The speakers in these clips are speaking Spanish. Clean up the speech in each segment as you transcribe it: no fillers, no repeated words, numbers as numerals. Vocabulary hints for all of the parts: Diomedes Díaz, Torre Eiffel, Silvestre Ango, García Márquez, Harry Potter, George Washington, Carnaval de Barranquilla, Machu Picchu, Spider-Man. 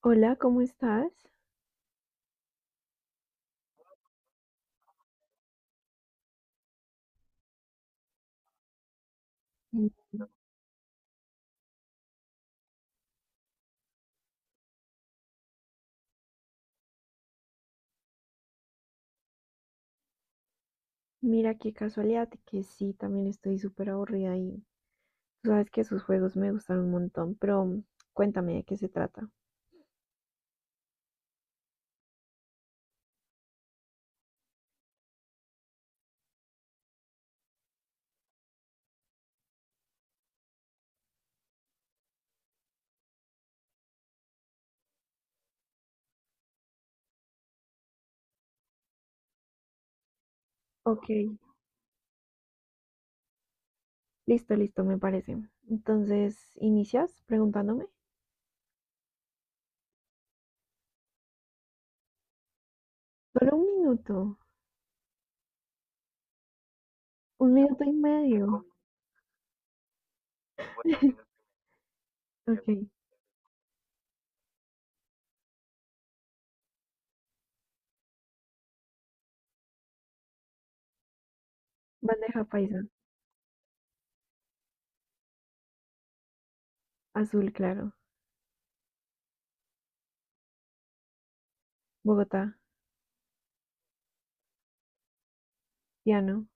Hola, ¿cómo estás? Mm. Mira, qué casualidad que sí, también estoy súper aburrida y tú sabes que sus juegos me gustan un montón, pero cuéntame de qué se trata. Ok, listo, listo, me parece. Entonces, ¿inicias preguntándome? Solo un minuto. Un minuto y medio. Con Ok. Bandeja paisa. Azul claro. Bogotá. Piano.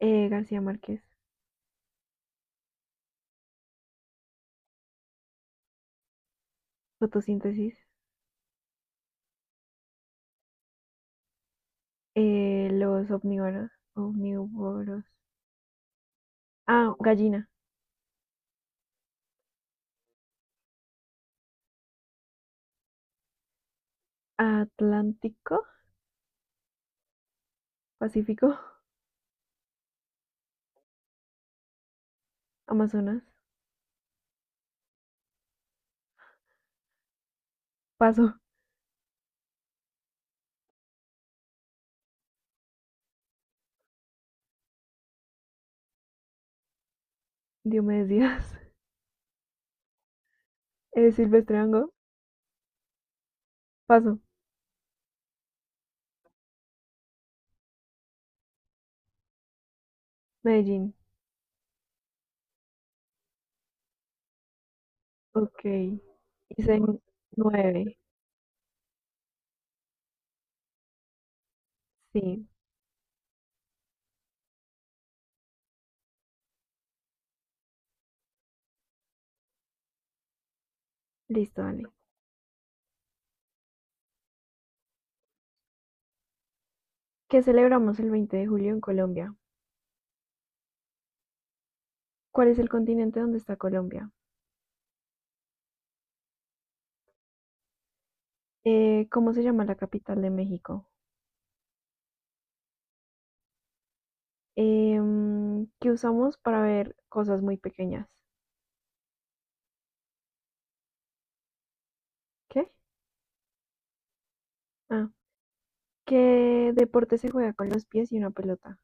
García Márquez. Fotosíntesis. Los omnívoros. Omnívoros. Ah, gallina. Atlántico. Pacífico. Amazonas. Paso. Diomedes Díaz. Silvestre Ango. Paso. Medellín. Ok. Hice nueve. Sí. Listo, dale. ¿Qué celebramos el 20 de julio en Colombia? ¿Cuál es el continente donde está Colombia? ¿Cómo se llama la capital de México? Que usamos para ver cosas muy pequeñas? ¿Qué? Ah, ¿qué deporte se juega con los pies y una pelota?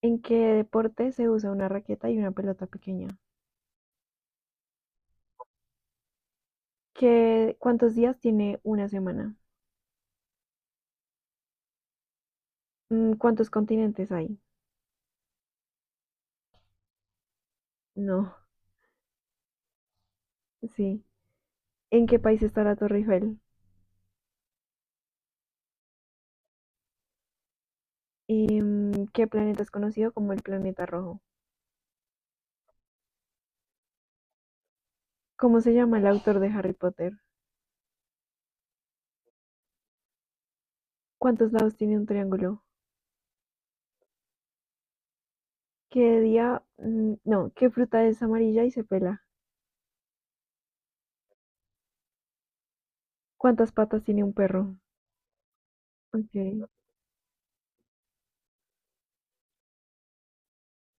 ¿En qué deporte se usa una raqueta y una pelota pequeña? ¿Cuántos días tiene una semana? ¿Cuántos continentes hay? No. Sí. ¿En qué país está la Torre Eiffel? ¿Qué planeta es conocido como el planeta rojo? ¿Cómo se llama el autor de Harry Potter? ¿Cuántos lados tiene un triángulo? No, ¿qué fruta es amarilla y se pela? ¿Cuántas patas tiene un perro? Ok.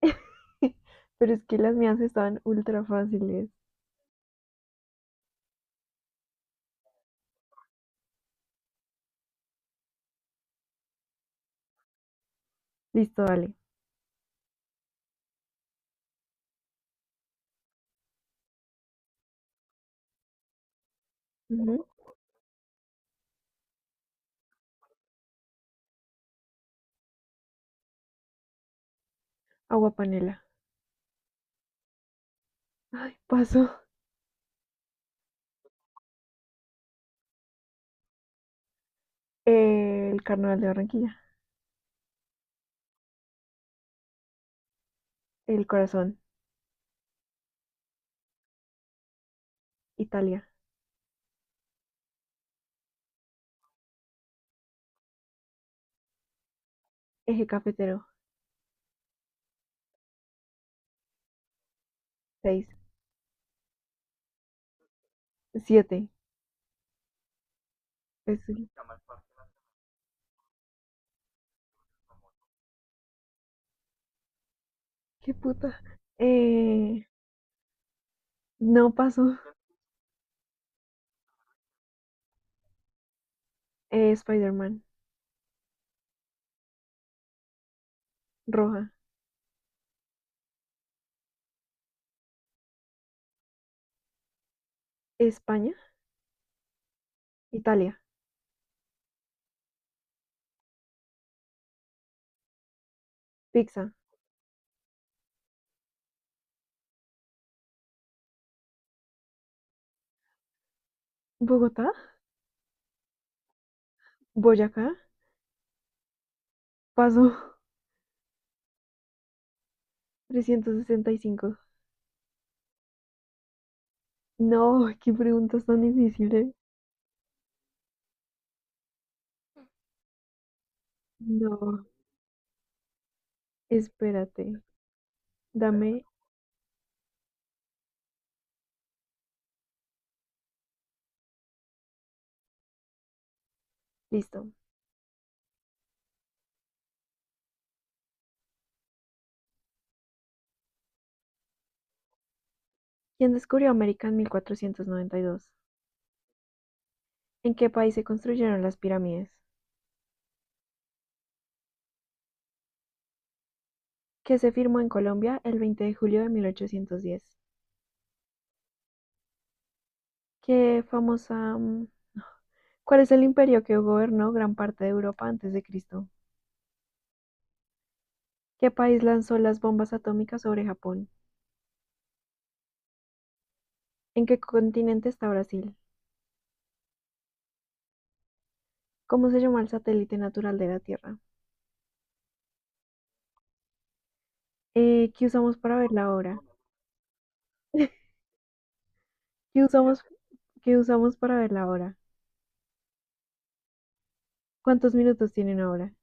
Pero es que las mías estaban ultra fáciles. Listo, dale. Ujú. Agua panela. Ay, paso. El carnaval de Barranquilla. El corazón. Italia. Eje cafetero. Seis. Siete. Es el. Qué puta. Eh, no paso. Spider-Man. Roja. España. Italia. Pizza. Bogotá. Boyacá. Paso. 365. No, qué preguntas tan difíciles. No, espérate. Dame, listo. ¿Quién descubrió América en 1492? ¿En qué país se construyeron las pirámides? ¿Qué se firmó en Colombia el 20 de julio de 1810? ¿Qué famosa... mm, ¿Cuál es el imperio que gobernó gran parte de Europa antes de Cristo? ¿Qué país lanzó las bombas atómicas sobre Japón? ¿En qué continente está Brasil? ¿Cómo se llama el satélite natural de la Tierra? ¿Qué usamos para ver la hora? ¿Qué usamos, qué usamos para ver la hora? ¿Cuántos minutos tiene una hora?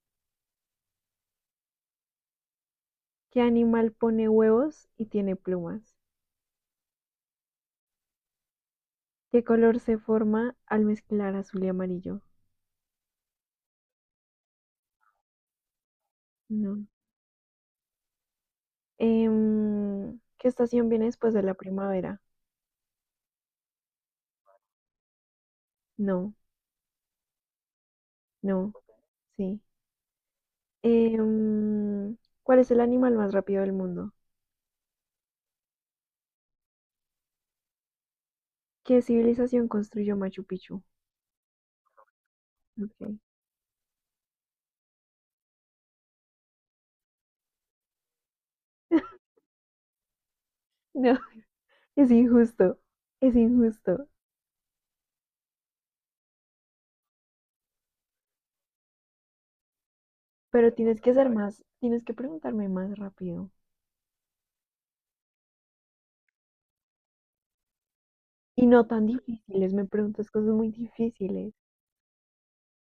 ¿Qué animal pone huevos y tiene plumas? ¿Qué color se forma al mezclar azul y amarillo? No. ¿Qué estación viene después de la primavera? No, no, sí. Em, ¿Cuál es el animal más rápido del mundo? ¿Qué civilización construyó Machu Picchu? Ok. No, es injusto, es injusto. Pero tienes que ser más, tienes que preguntarme más rápido. Y no tan difíciles, me preguntas cosas muy difíciles.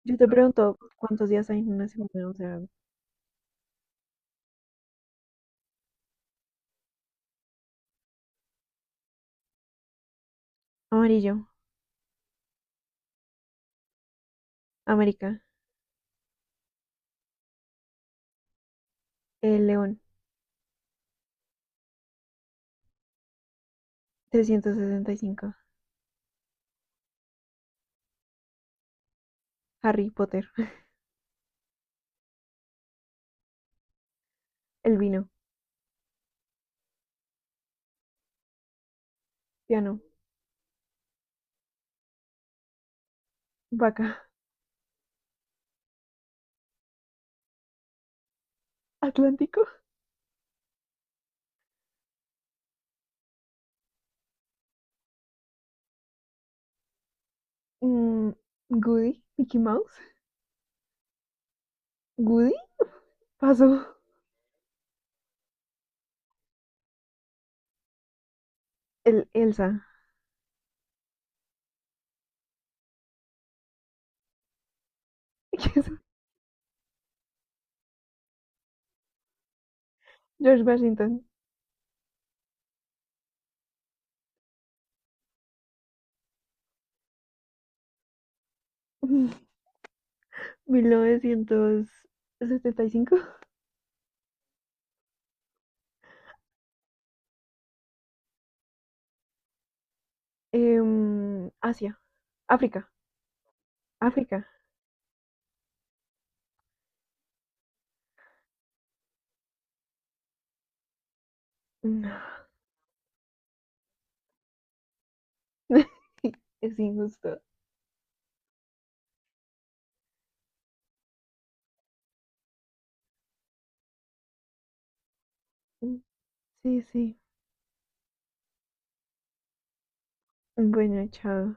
Yo te pregunto cuántos días hay en una semana, o sea, amarillo, América, el león, 365, Harry Potter, el vino, piano, vaca, Atlántico, mm, Goody, Mickey Mouse, Goody, paso, el Elsa, ¿qué es? George Washington, 1975, Asia, África, África. Es injusto. Mm. Sí, sí. Bueno, chao.